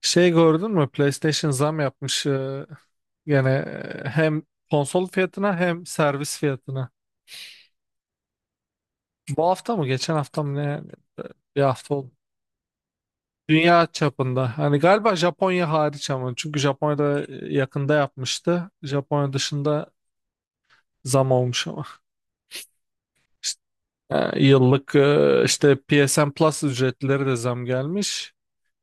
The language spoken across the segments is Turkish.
Şey gördün mü? PlayStation zam yapmış, gene, hem konsol fiyatına hem servis fiyatına. Bu hafta mı? Geçen hafta mı? Ne? Bir hafta oldu. Dünya çapında. Hani galiba Japonya hariç ama. Çünkü Japonya'da yakında yapmıştı. Japonya dışında zam olmuş ama. İşte, yıllık işte PSN Plus ücretleri de zam gelmiş.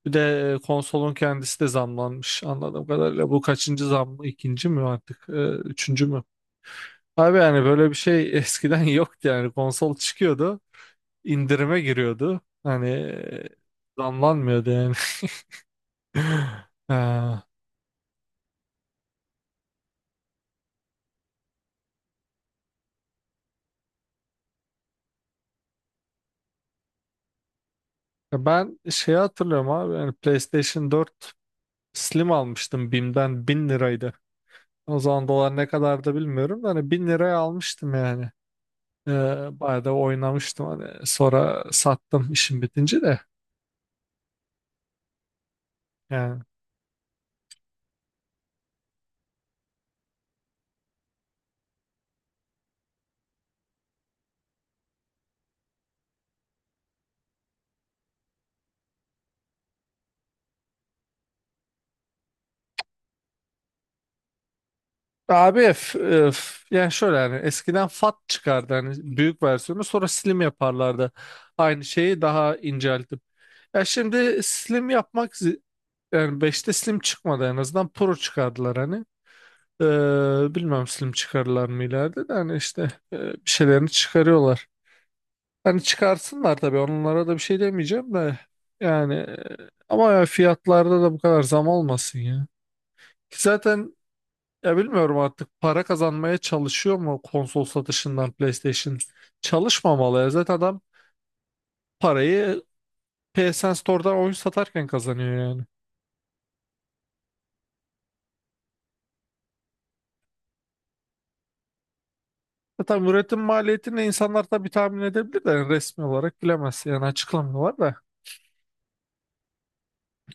Bir de konsolun kendisi de zamlanmış anladığım kadarıyla. Bu kaçıncı zam mı? İkinci mi artık? Üçüncü mü? Abi yani böyle bir şey eskiden yoktu yani konsol çıkıyordu, indirime giriyordu hani, zamlanmıyordu yani. Ya ben şeyi hatırlıyorum abi, yani PlayStation 4 Slim almıştım BİM'den, 1000 liraydı. O zaman dolar ne kadardı bilmiyorum da hani 1000 liraya almıştım yani. Bayağı da oynamıştım, hani sonra sattım işim bitince de yani. Abi yani şöyle, yani eskiden fat çıkardı hani, büyük versiyonu, sonra slim yaparlardı. Aynı şeyi daha inceltip. Ya şimdi slim yapmak yani beşte slim çıkmadı, en azından pro çıkardılar hani. Bilmem slim çıkarırlar mı ileride de, hani işte bir şeylerini çıkarıyorlar. Hani çıkarsınlar tabii, onlara da bir şey demeyeceğim de yani ama ya fiyatlarda da bu kadar zam olmasın ya. Ki zaten, ya bilmiyorum, artık para kazanmaya çalışıyor mu konsol satışından PlayStation? Çalışmamalı ya. Zaten adam parayı PSN Store'dan oyun satarken kazanıyor yani. Zaten üretim maliyetini insanlar tabii tahmin edebilir de yani, resmi olarak bilemez. Yani açıklamıyorlar da.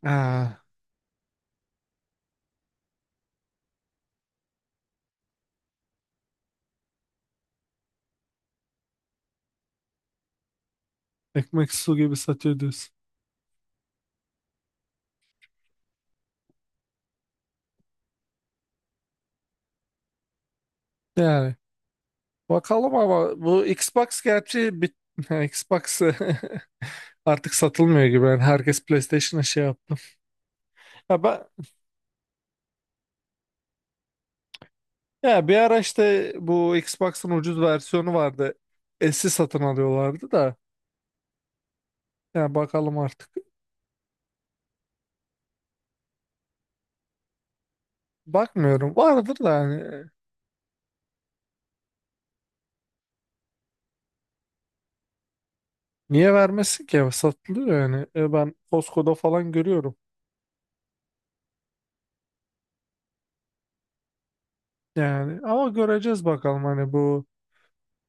Ha, ekmek su gibi satıyor diyorsun. Yani bakalım, ama bu Xbox gerçi Xbox artık satılmıyor gibi. Yani herkes PlayStation'a şey yaptı. Ya ben Ya bir ara işte bu Xbox'ın ucuz versiyonu vardı. S'i satın alıyorlardı da. Yani bakalım artık. Bakmıyorum. Vardır da yani. Niye vermesin ki? Satılıyor yani. Ben Costco'da falan görüyorum. Yani ama göreceğiz bakalım, hani bu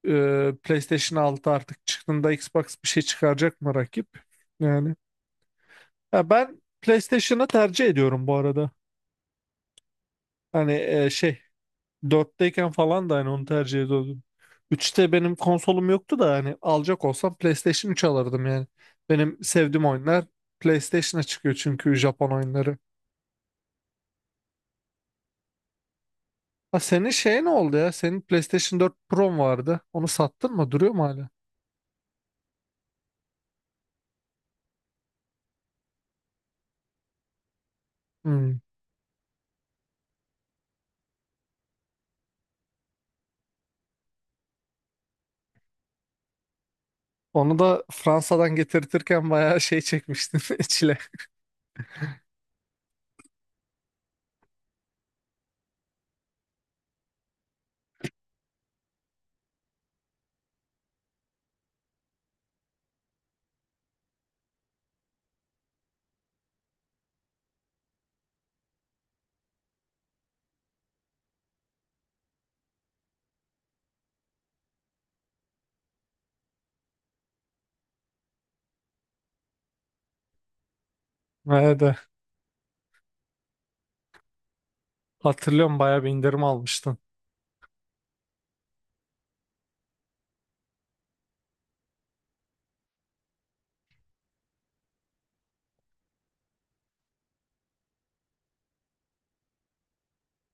PlayStation 6 artık çıktığında Xbox bir şey çıkaracak mı rakip? Yani. Ya ben PlayStation'ı tercih ediyorum bu arada. Hani şey, dörtteyken falan da hani onu tercih ediyordum. Üçte benim konsolum yoktu da, hani alacak olsam PlayStation 3 alırdım yani. Benim sevdiğim oyunlar PlayStation'a çıkıyor çünkü Japon oyunları. Ha, senin şey ne oldu ya? Senin PlayStation 4 Pro'm vardı. Onu sattın mı? Duruyor mu hala? Hmm. Onu da Fransa'dan getirtirken bayağı şey çekmiştin, çile. Evet, evet. Hatırlıyorum, bayağı bir indirim almıştın.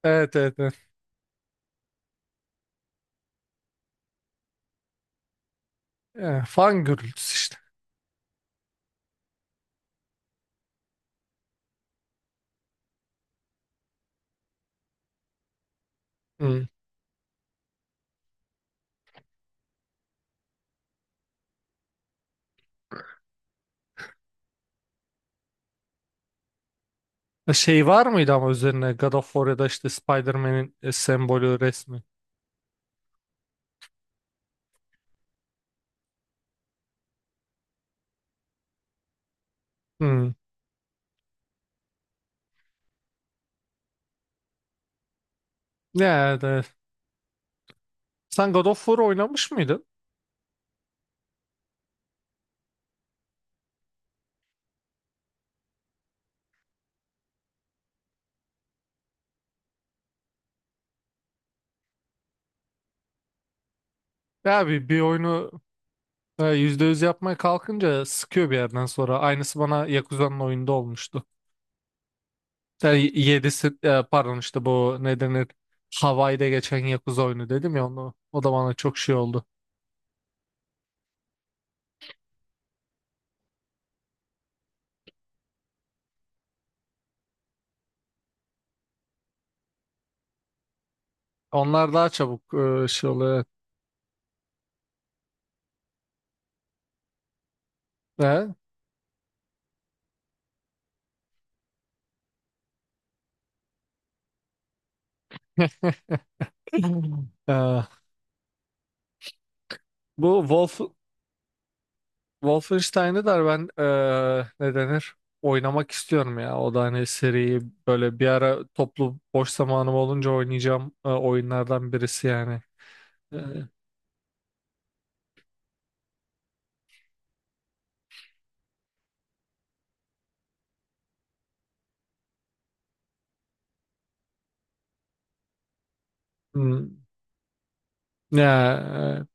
Evet, evet, evet. Fangirls işte. Hmm. Şey var mıydı ama üzerine, God of War ya da işte Spider-Man'in sembolü resmi? Hmm. Ya, evet. Sen God of War oynamış mıydın? Ya bir oyunu %100 yapmaya kalkınca sıkıyor bir yerden sonra. Aynısı bana Yakuza'nın oyunda olmuştu. Yani yedisi, pardon, işte bu ne denir, Hawaii'de geçen Yakuza oyunu dedim ya, onu. O da bana çok şey oldu. Onlar daha çabuk şey oluyor. Evet. E? E, bu Wolfenstein'ı da ben ne denir? Oynamak istiyorum ya. O da hani seriyi böyle bir ara, toplu boş zamanım olunca oynayacağım oyunlardan birisi yani. Eee, hmm, ya evet.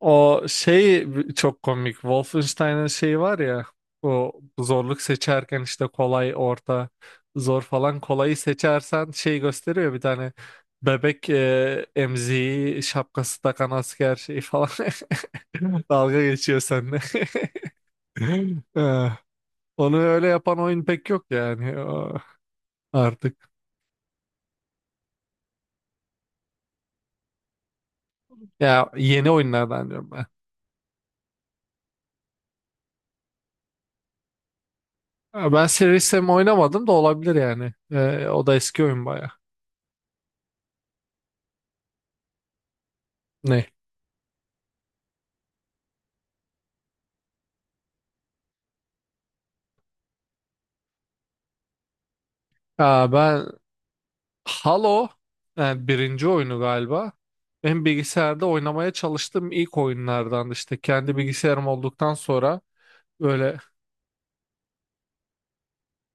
O şey çok komik. Wolfenstein'ın şeyi var ya. O zorluk seçerken işte kolay, orta, zor falan, kolayı seçersen şey gösteriyor bir tane, bebek emziği, şapkası takan asker şeyi falan. Dalga geçiyor seninle. Eh, onu öyle yapan oyun pek yok yani artık. Ya yeni oyunlardan diyorum ben. Ha, ben Serious Sam oynamadım da, olabilir yani. Eh, o da eski oyun baya. Ne? Ha, ben Halo, yani birinci oyunu galiba. Benim bilgisayarda oynamaya çalıştığım ilk oyunlardan, işte kendi bilgisayarım olduktan sonra böyle.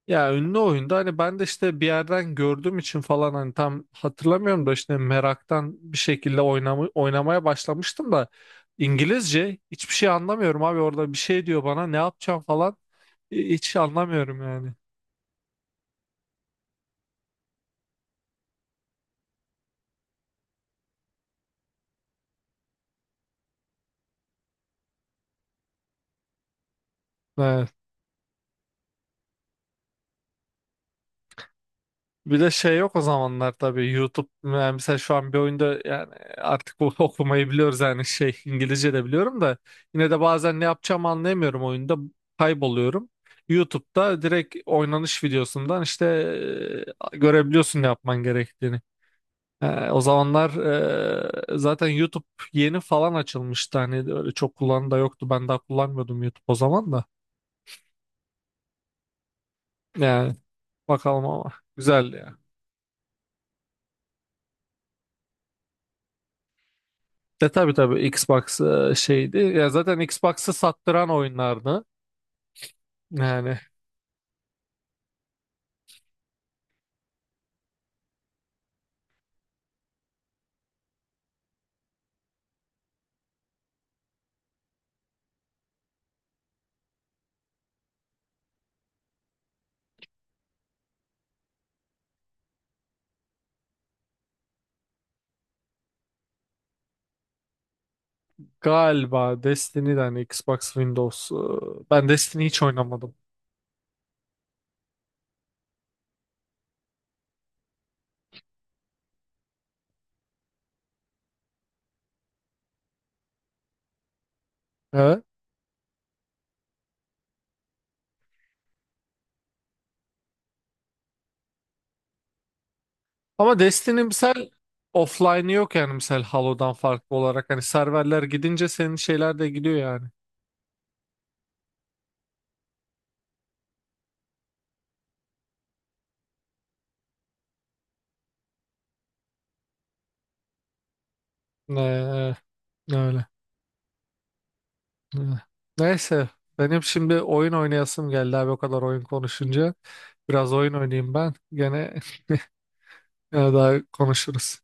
Ya ünlü oyunda hani, ben de işte bir yerden gördüğüm için falan, hani tam hatırlamıyorum da, işte meraktan bir şekilde oynamaya başlamıştım da İngilizce hiçbir şey anlamıyorum abi, orada bir şey diyor bana ne yapacağım falan, hiç anlamıyorum yani. Bir de şey yok o zamanlar tabii YouTube, yani mesela şu an bir oyunda, yani artık okumayı biliyoruz yani, şey, İngilizce de biliyorum da yine de bazen ne yapacağımı anlayamıyorum oyunda, kayboluyorum. YouTube'da direkt oynanış videosundan işte görebiliyorsun ne yapman gerektiğini. O zamanlar zaten YouTube yeni falan açılmıştı, hani öyle çok kullanan da yoktu, ben daha kullanmıyordum YouTube o zaman da yani. Bakalım ama, güzel. E tabii tabii, Xbox şeydi. Ya zaten Xbox'ı sattıran oyunlardı. Yani galiba Destiny'den hani, Xbox Windows. Ben Destiny hiç oynamadım. Evet. Ama Destiny misal offline'ı yok yani, misal Halo'dan farklı olarak. Hani serverler gidince senin şeyler de gidiyor yani. Ne öyle. E. Neyse. Benim şimdi oyun oynayasım geldi abi, o kadar oyun konuşunca. Biraz oyun oynayayım ben. Gene, gene daha konuşuruz.